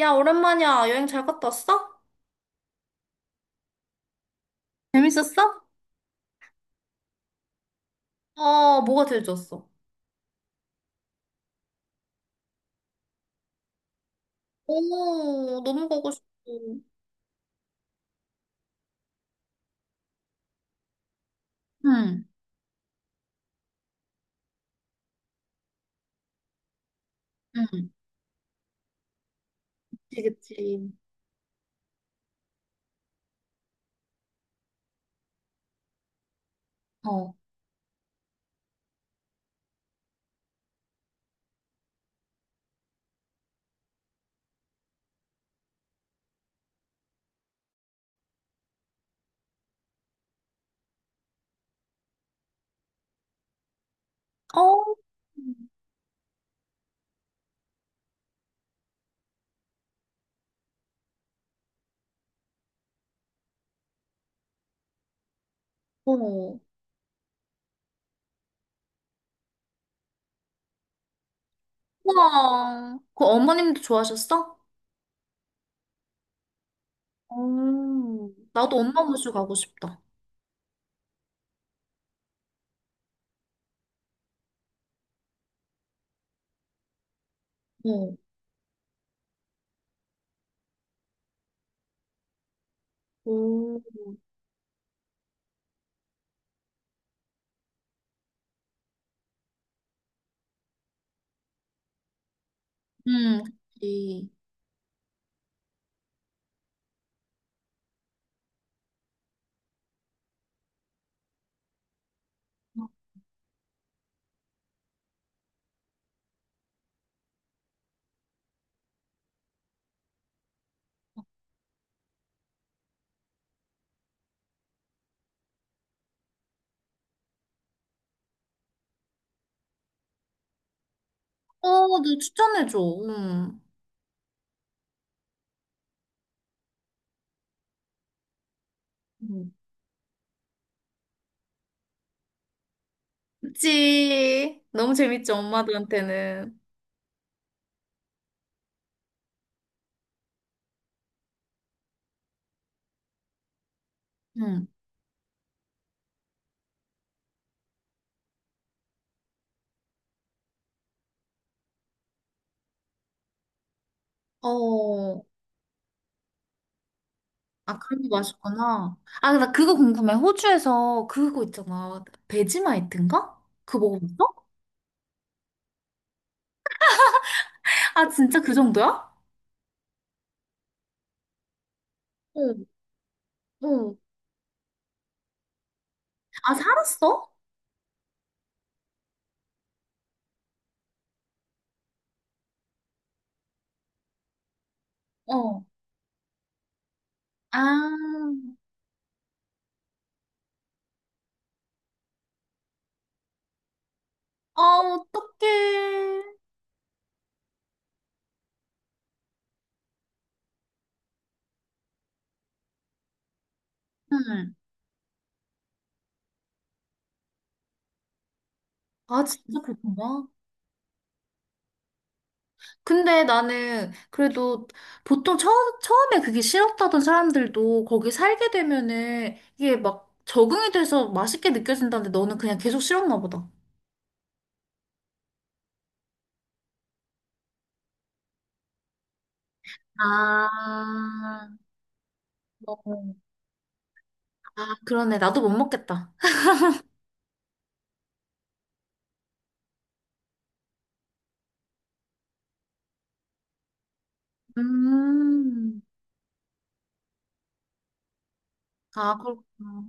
야, 오랜만이야. 여행 잘 갔다 왔어? 재밌었어? 어, 뭐가 제일 좋았어? 오, 너무 가고 싶어. 응, 응, 그치, 그치. 어, 어, 어, 우와. 그 어머님도 좋아하셨어? 어, 나도 엄마 모시고 가고 싶다. 어, 오, 응, 그치. 어, 너 추천해줘. 응. 응. 그치. 너무 재밌지, 엄마들한테는. 응. 어. 아, 그런 게 맛있구나. 아, 나 그거 궁금해. 호주에서 그거 있잖아. 베지마이트인가? 그거 먹어봤어? 아, 진짜 그 정도야? 응, 응. 아, 살았어? 어. 아, 아, 어떡해. 응. 아, 진짜 그렇구나. 근데 나는 그래도 보통 처음에 그게 싫었다던 사람들도 거기 살게 되면은 이게 막 적응이 돼서 맛있게 느껴진다는데 너는 그냥 계속 싫었나 보다. 아, 어. 아, 그러네. 나도 못 먹겠다. 음. 아, 그렇구나.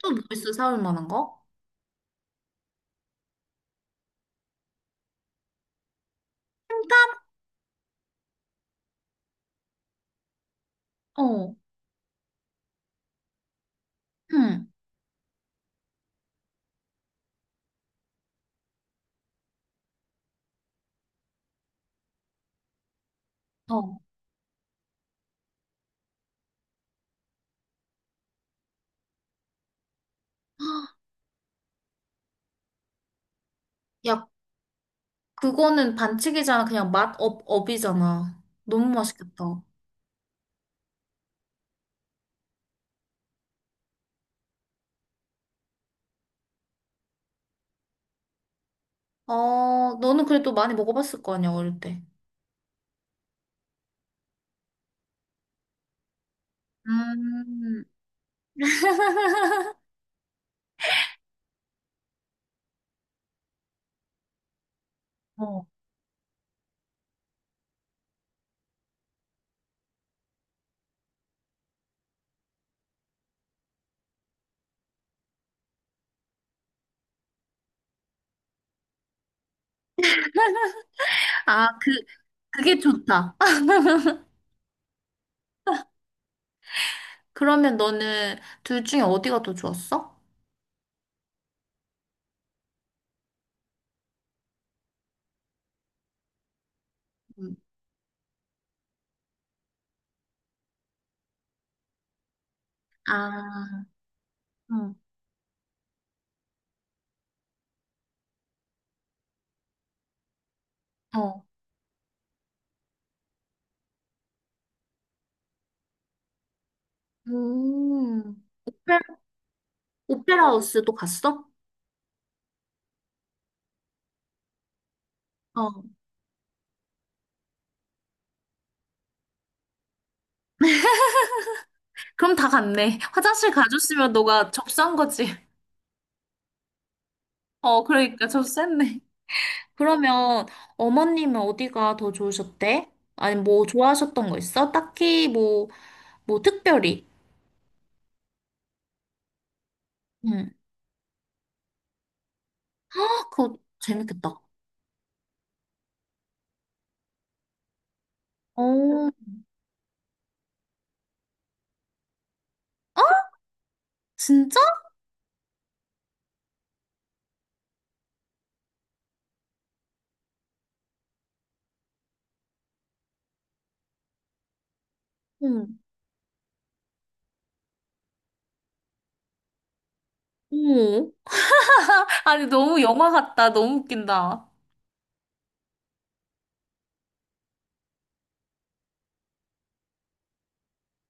또 뭐 있어? 사올 만한 거? 어. 응. 어. 야, 그거는 반칙이잖아. 그냥 맛 업이잖아. 너무 맛있겠다. 어, 너는 그래도 많이 먹어봤을 거 아니야, 어릴 때. 음. 어. 아, 그, 그게 좋다. 그러면 너는 둘 중에 어디가 더 좋았어? 음. 아, 응. 어. 음. 오페라 하우스도 갔어? 어, 그럼 다 갔네. 화장실 가줬으면 너가 접수한 거지. 어, 그러니까 접수했네. 그러면 어머님은 어디가 더 좋으셨대? 아니, 뭐 좋아하셨던 거 있어? 딱히 뭐, 뭐 특별히. 응. 아, 그거 재밌겠다. 어, 진짜? 응, 오. 아니, 너무 영화 같다. 너무 웃긴다.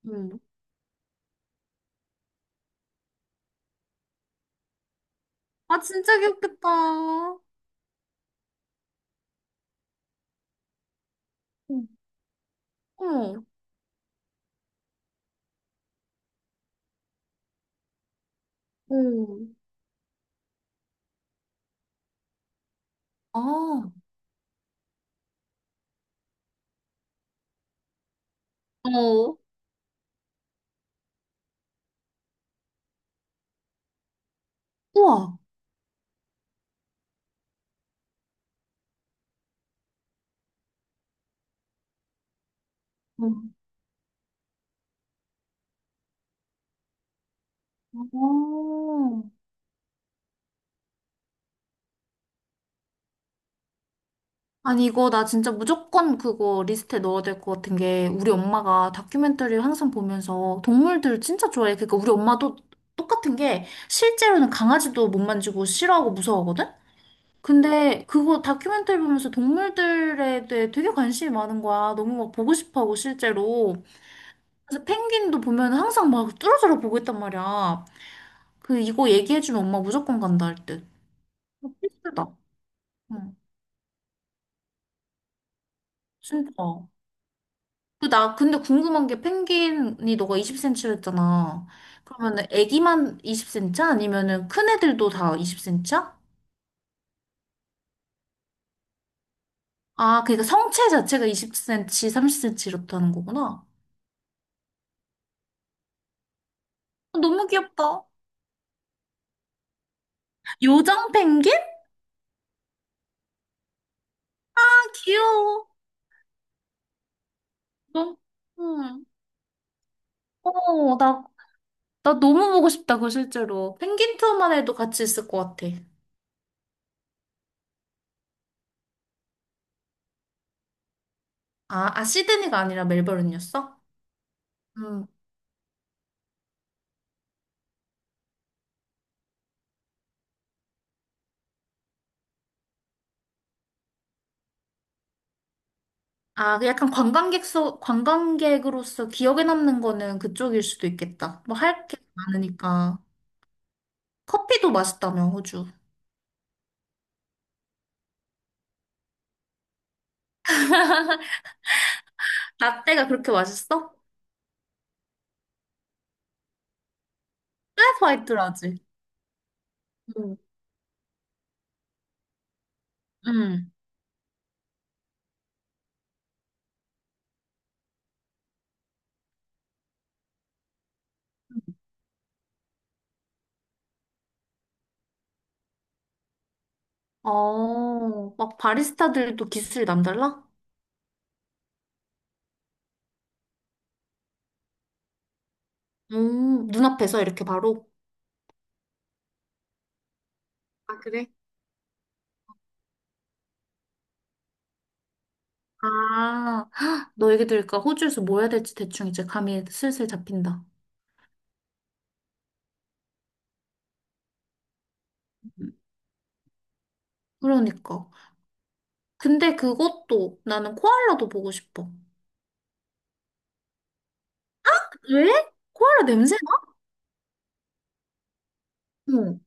응, 아, 진짜 귀엽겠다. 응, 응 응. 아, 어. 우와, 응. 오. 아니, 이거 나 진짜 무조건 그거 리스트에 넣어야 될 것 같은 게, 우리 엄마가 다큐멘터리를 항상 보면서 동물들 진짜 좋아해. 그러니까 우리 엄마도 똑같은 게, 실제로는 강아지도 못 만지고 싫어하고 무서워하거든? 근데 그거 다큐멘터리 보면서 동물들에 대해 되게 관심이 많은 거야. 너무 막 보고 싶어 하고, 실제로. 그래서 펭귄도 보면 항상 막 뚫어져라 보고 있단 말이야. 그, 이거 얘기해주면 엄마 무조건 간다 할 듯. 어, 필수다. 응, 진짜. 그 나 근데 궁금한 게 펭귄이 너가 20cm 였 했잖아. 그러면은 애기만 20cm 아니면은 큰 애들도 다 20cm야? 아, 그러니까 성체 자체가 20cm, 30cm 이렇다는 거구나. 아, 너무 귀엽다. 요정 펭귄? 아, 귀여워. 너, 응. 어, 나, 나 너무 보고 싶다, 그거 실제로. 펭귄 투어만 해도 같이 있을 것 같아. 아, 아, 시드니가 아니라 멜버른이었어? 음. 아, 그 약간 관광객으로서 기억에 남는 거는 그쪽일 수도 있겠다. 뭐 할 게 많으니까. 커피도 맛있다며, 호주. 라떼가 그렇게 맛있어? 그래서 화이트라지. 응. 응. 어, 막 바리스타들도 기술이 남달라? 눈앞에서 이렇게 바로. 아, 그래? 아, 헉, 너 얘기 들으니까 호주에서 뭐 해야 될지 대충 이제 감이 슬슬 잡힌다. 음. 그러니까. 근데 그것도 나는 코알라도 보고 싶어. 왜? 코알라 냄새 응.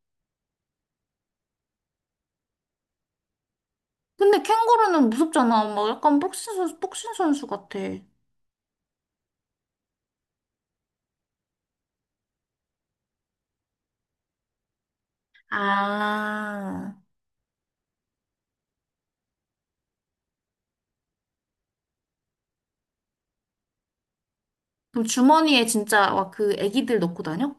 근데 캥거루는 무섭잖아. 막 약간 복싱 선수 같아. 아. 그럼 주머니에 진짜 막 그 애기들 넣고 다녀?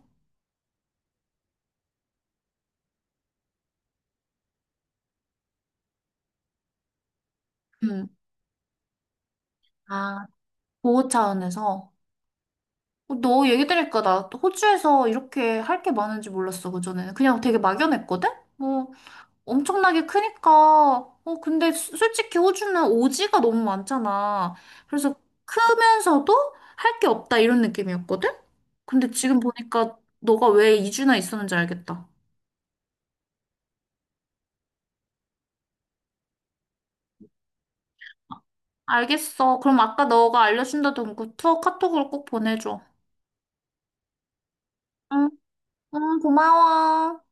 응. 아, 보호 차원에서. 어, 너 얘기 들으니까 나 호주에서 이렇게 할 게 많은지 몰랐어, 그전에는. 그냥 되게 막연했거든? 뭐 엄청나게 크니까, 어, 근데 솔직히 호주는 오지가 너무 많잖아. 그래서 크면서도 할 게 없다 이런 느낌이었거든? 근데 지금 보니까 너가 왜 2주나 있었는지 알겠다. 알겠어. 그럼 아까 너가 알려준다던 그 투어 카톡으로 꼭 보내줘. 응, 응, 고마워.